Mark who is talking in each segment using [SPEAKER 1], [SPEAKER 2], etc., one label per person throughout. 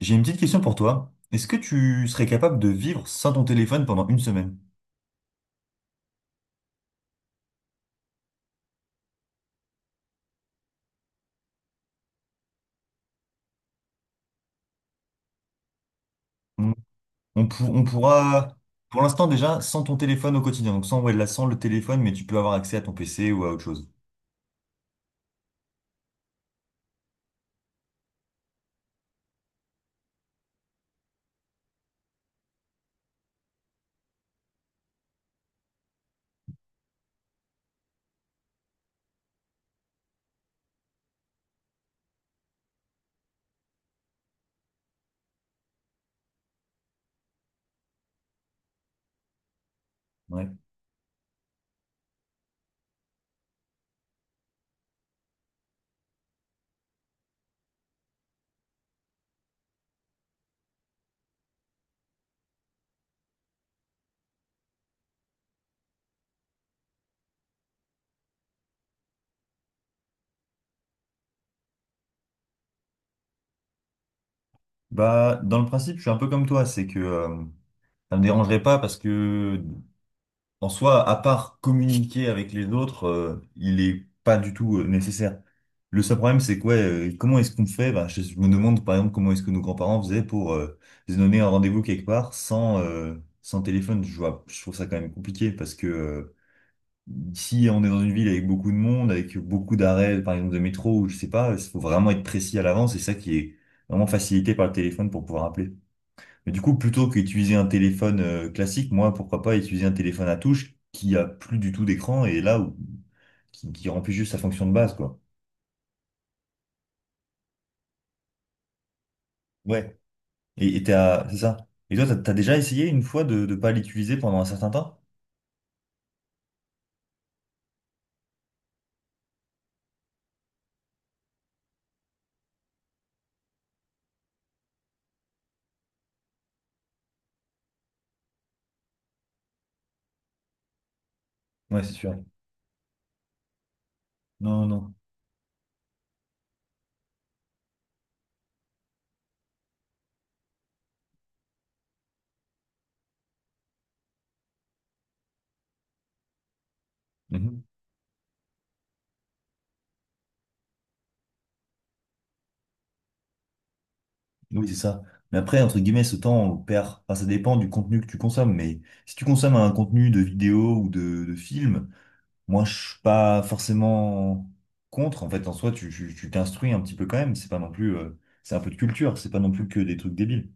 [SPEAKER 1] J'ai une petite question pour toi. Est-ce que tu serais capable de vivre sans ton téléphone pendant une semaine? On, on pour- on pourra, Pour l'instant déjà, sans ton téléphone au quotidien. Donc sans, ouais, là, sans le téléphone, mais tu peux avoir accès à ton PC ou à autre chose. Ouais. Bah, dans le principe, je suis un peu comme toi. C'est que ça me dérangerait pas parce que En soi, à part communiquer avec les autres, il est pas du tout nécessaire. Le seul problème, c'est quoi, comment est-ce qu'on fait? Bah, je me demande, par exemple, comment est-ce que nos grands-parents faisaient pour se donner un rendez-vous quelque part sans, sans téléphone. Je vois, je trouve ça quand même compliqué parce que si on est dans une ville avec beaucoup de monde, avec beaucoup d'arrêts, par exemple, de métro, ou je sais pas, il faut vraiment être précis à l'avance. C'est ça qui est vraiment facilité par le téléphone pour pouvoir appeler. Mais du coup, plutôt qu'utiliser un téléphone classique, moi, pourquoi pas utiliser un téléphone à touche qui a plus du tout d'écran et là où qui remplit juste sa fonction de base, quoi. Ouais. Et c'est ça. Et toi, t'as déjà essayé une fois de ne pas l'utiliser pendant un certain temps? Ouais, c'est sûr. Non, non. Mhm. Oui, c'est ça. Mais après, entre guillemets, ce temps, on le perd. Enfin, ça dépend du contenu que tu consommes. Mais si tu consommes un contenu de vidéo ou de film, moi, je suis pas forcément contre. En fait, en soi, tu t'instruis un petit peu quand même. C'est pas non plus, c'est un peu de culture. C'est pas non plus que des trucs débiles.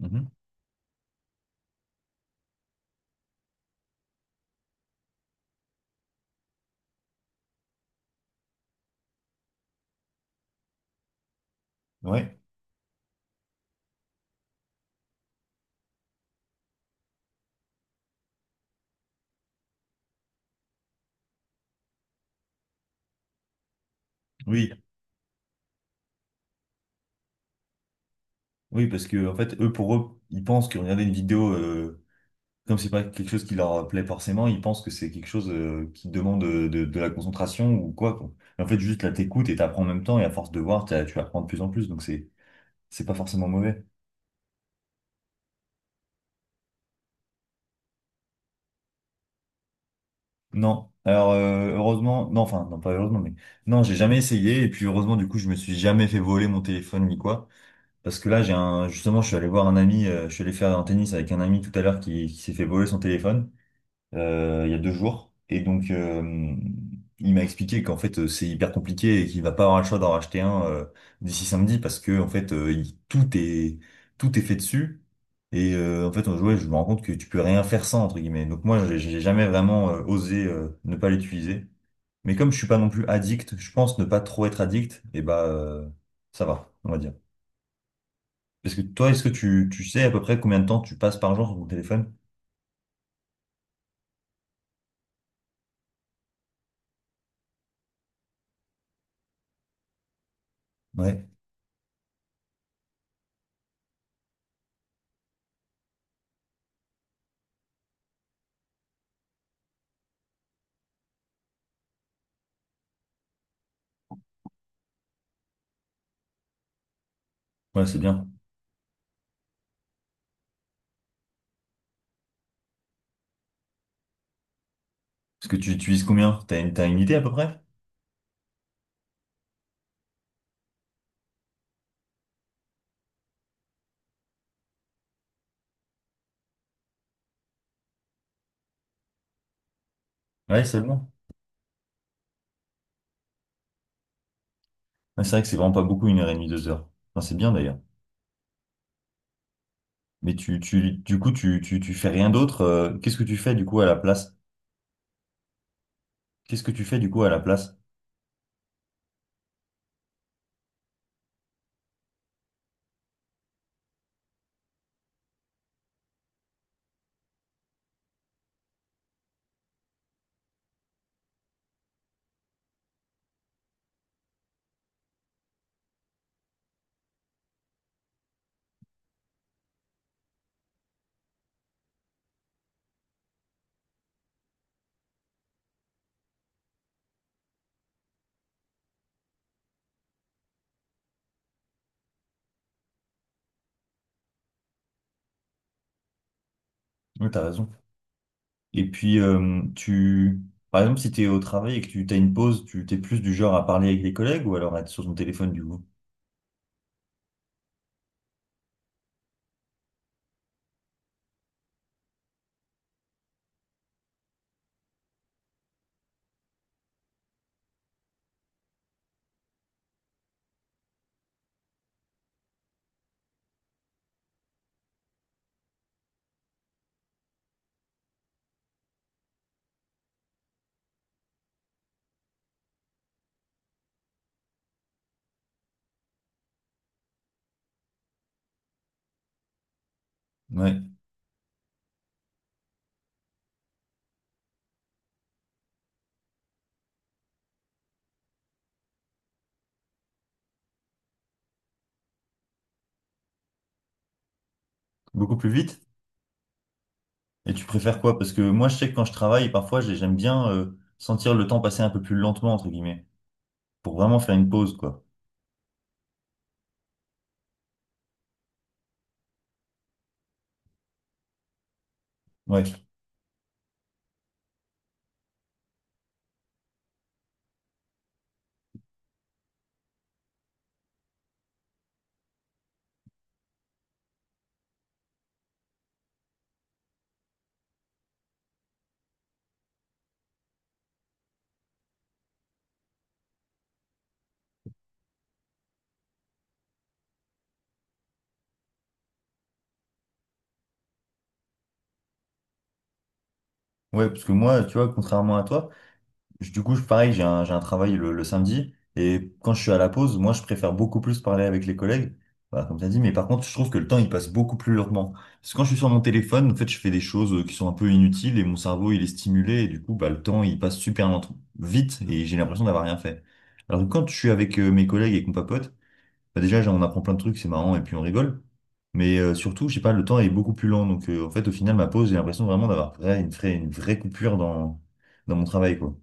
[SPEAKER 1] Mhm. Ouais. Oui. Oui, parce que en fait, eux, pour eux, ils pensent que regarder une vidéo, comme c'est pas quelque chose qui leur plaît forcément, ils pensent que c'est quelque chose qui demande de, de la concentration ou quoi, quoi. Mais en fait, juste là, t'écoutes et t'apprends en même temps. Et à force de voir, tu apprends de plus en plus. Donc c'est pas forcément mauvais. Non. Alors heureusement, non, enfin non pas heureusement, mais non, j'ai jamais essayé et puis heureusement du coup je me suis jamais fait voler mon téléphone ni quoi. Parce que là j'ai un justement je suis allé voir un ami, je suis allé faire un tennis avec un ami tout à l'heure qui s'est fait voler son téléphone il y a deux jours. Et donc, il m'a expliqué qu'en fait, c'est hyper compliqué et qu'il va pas avoir le choix d'en racheter un d'ici samedi parce que en fait, tout est fait dessus. Et en fait, ouais, je me rends compte que tu peux rien faire sans entre guillemets. Donc moi, j'ai jamais vraiment osé ne pas l'utiliser. Mais comme je suis pas non plus addict, je pense ne pas trop être addict. Et bah, ça va, on va dire. Parce que toi, est-ce que tu sais à peu près combien de temps tu passes par jour sur ton téléphone? Ouais, ouais, c'est bien. Parce que tu utilises combien? T'as une idée à peu près? Ouais, seulement. Ouais, c'est vrai que c'est vraiment pas beaucoup, une heure et demie, deux heures. Enfin, c'est bien d'ailleurs. Mais du coup, tu fais rien d'autre. Qu'est-ce que tu fais du coup à la place? Qu'est-ce que tu fais du coup à la place? Ouais, t'as raison. Et puis, tu, par exemple, si t'es au travail et que tu t'as une pause, tu t'es plus du genre à parler avec les collègues ou alors à être sur ton téléphone du coup? Ouais, beaucoup plus vite. Et tu préfères quoi? Parce que moi, je sais que quand je travaille, parfois, j'aime bien sentir le temps passer un peu plus lentement, entre guillemets, pour vraiment faire une pause, quoi. Ouais. Ouais, parce que moi, tu vois, contrairement à toi, pareil, j'ai un travail le samedi, et quand je suis à la pause, moi, je préfère beaucoup plus parler avec les collègues, voilà, comme tu as dit, mais par contre, je trouve que le temps, il passe beaucoup plus lentement. Parce que quand je suis sur mon téléphone, en fait, je fais des choses qui sont un peu inutiles, et mon cerveau, il est stimulé, et du coup, bah, le temps, il passe vite, et j'ai l'impression d'avoir rien fait. Alors que quand je suis avec mes collègues et qu'on papote, bah déjà, genre, on apprend plein de trucs, c'est marrant, et puis on rigole. Mais surtout, je sais pas, le temps est beaucoup plus lent. Donc, en fait, au final, ma pause, j'ai l'impression une vraie coupure dans, dans mon travail, quoi.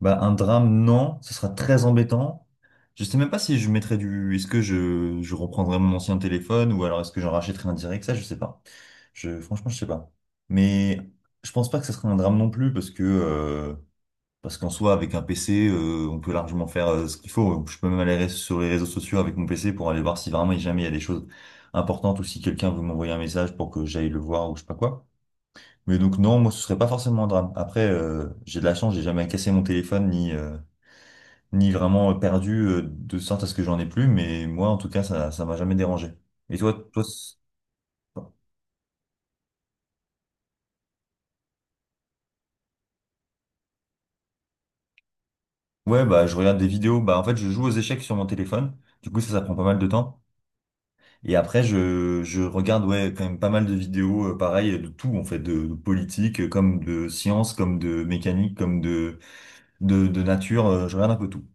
[SPEAKER 1] Bah, un drame, non, ce sera très embêtant. Je sais même pas si je mettrais du. Est-ce que je reprendrais mon ancien téléphone ou alors est-ce que j'en rachèterais un direct? Ça, je sais pas. Je, franchement, je sais pas. Mais je pense pas que ce serait un drame non plus parce que. Parce qu'en soi, avec un PC, on peut largement faire ce qu'il faut. Je peux même aller sur les réseaux sociaux avec mon PC pour aller voir si vraiment, jamais il y a des choses importantes ou si quelqu'un veut m'envoyer un message pour que j'aille le voir ou je sais pas quoi. Mais donc non, moi, ce serait pas forcément un drame. Après, j'ai de la chance, j'ai jamais cassé mon téléphone ni ni vraiment perdu de sorte à ce que j'en ai plus. Mais moi, en tout cas, ça m'a jamais dérangé. Et toi, c'est- ouais, bah je regarde des vidéos. Bah en fait, je joue aux échecs sur mon téléphone. Du coup, ça prend pas mal de temps. Et après, je regarde ouais, quand même pas mal de vidéos, pareil, de tout, en fait, de politique, comme de science, comme de mécanique, comme de nature, je regarde un peu tout.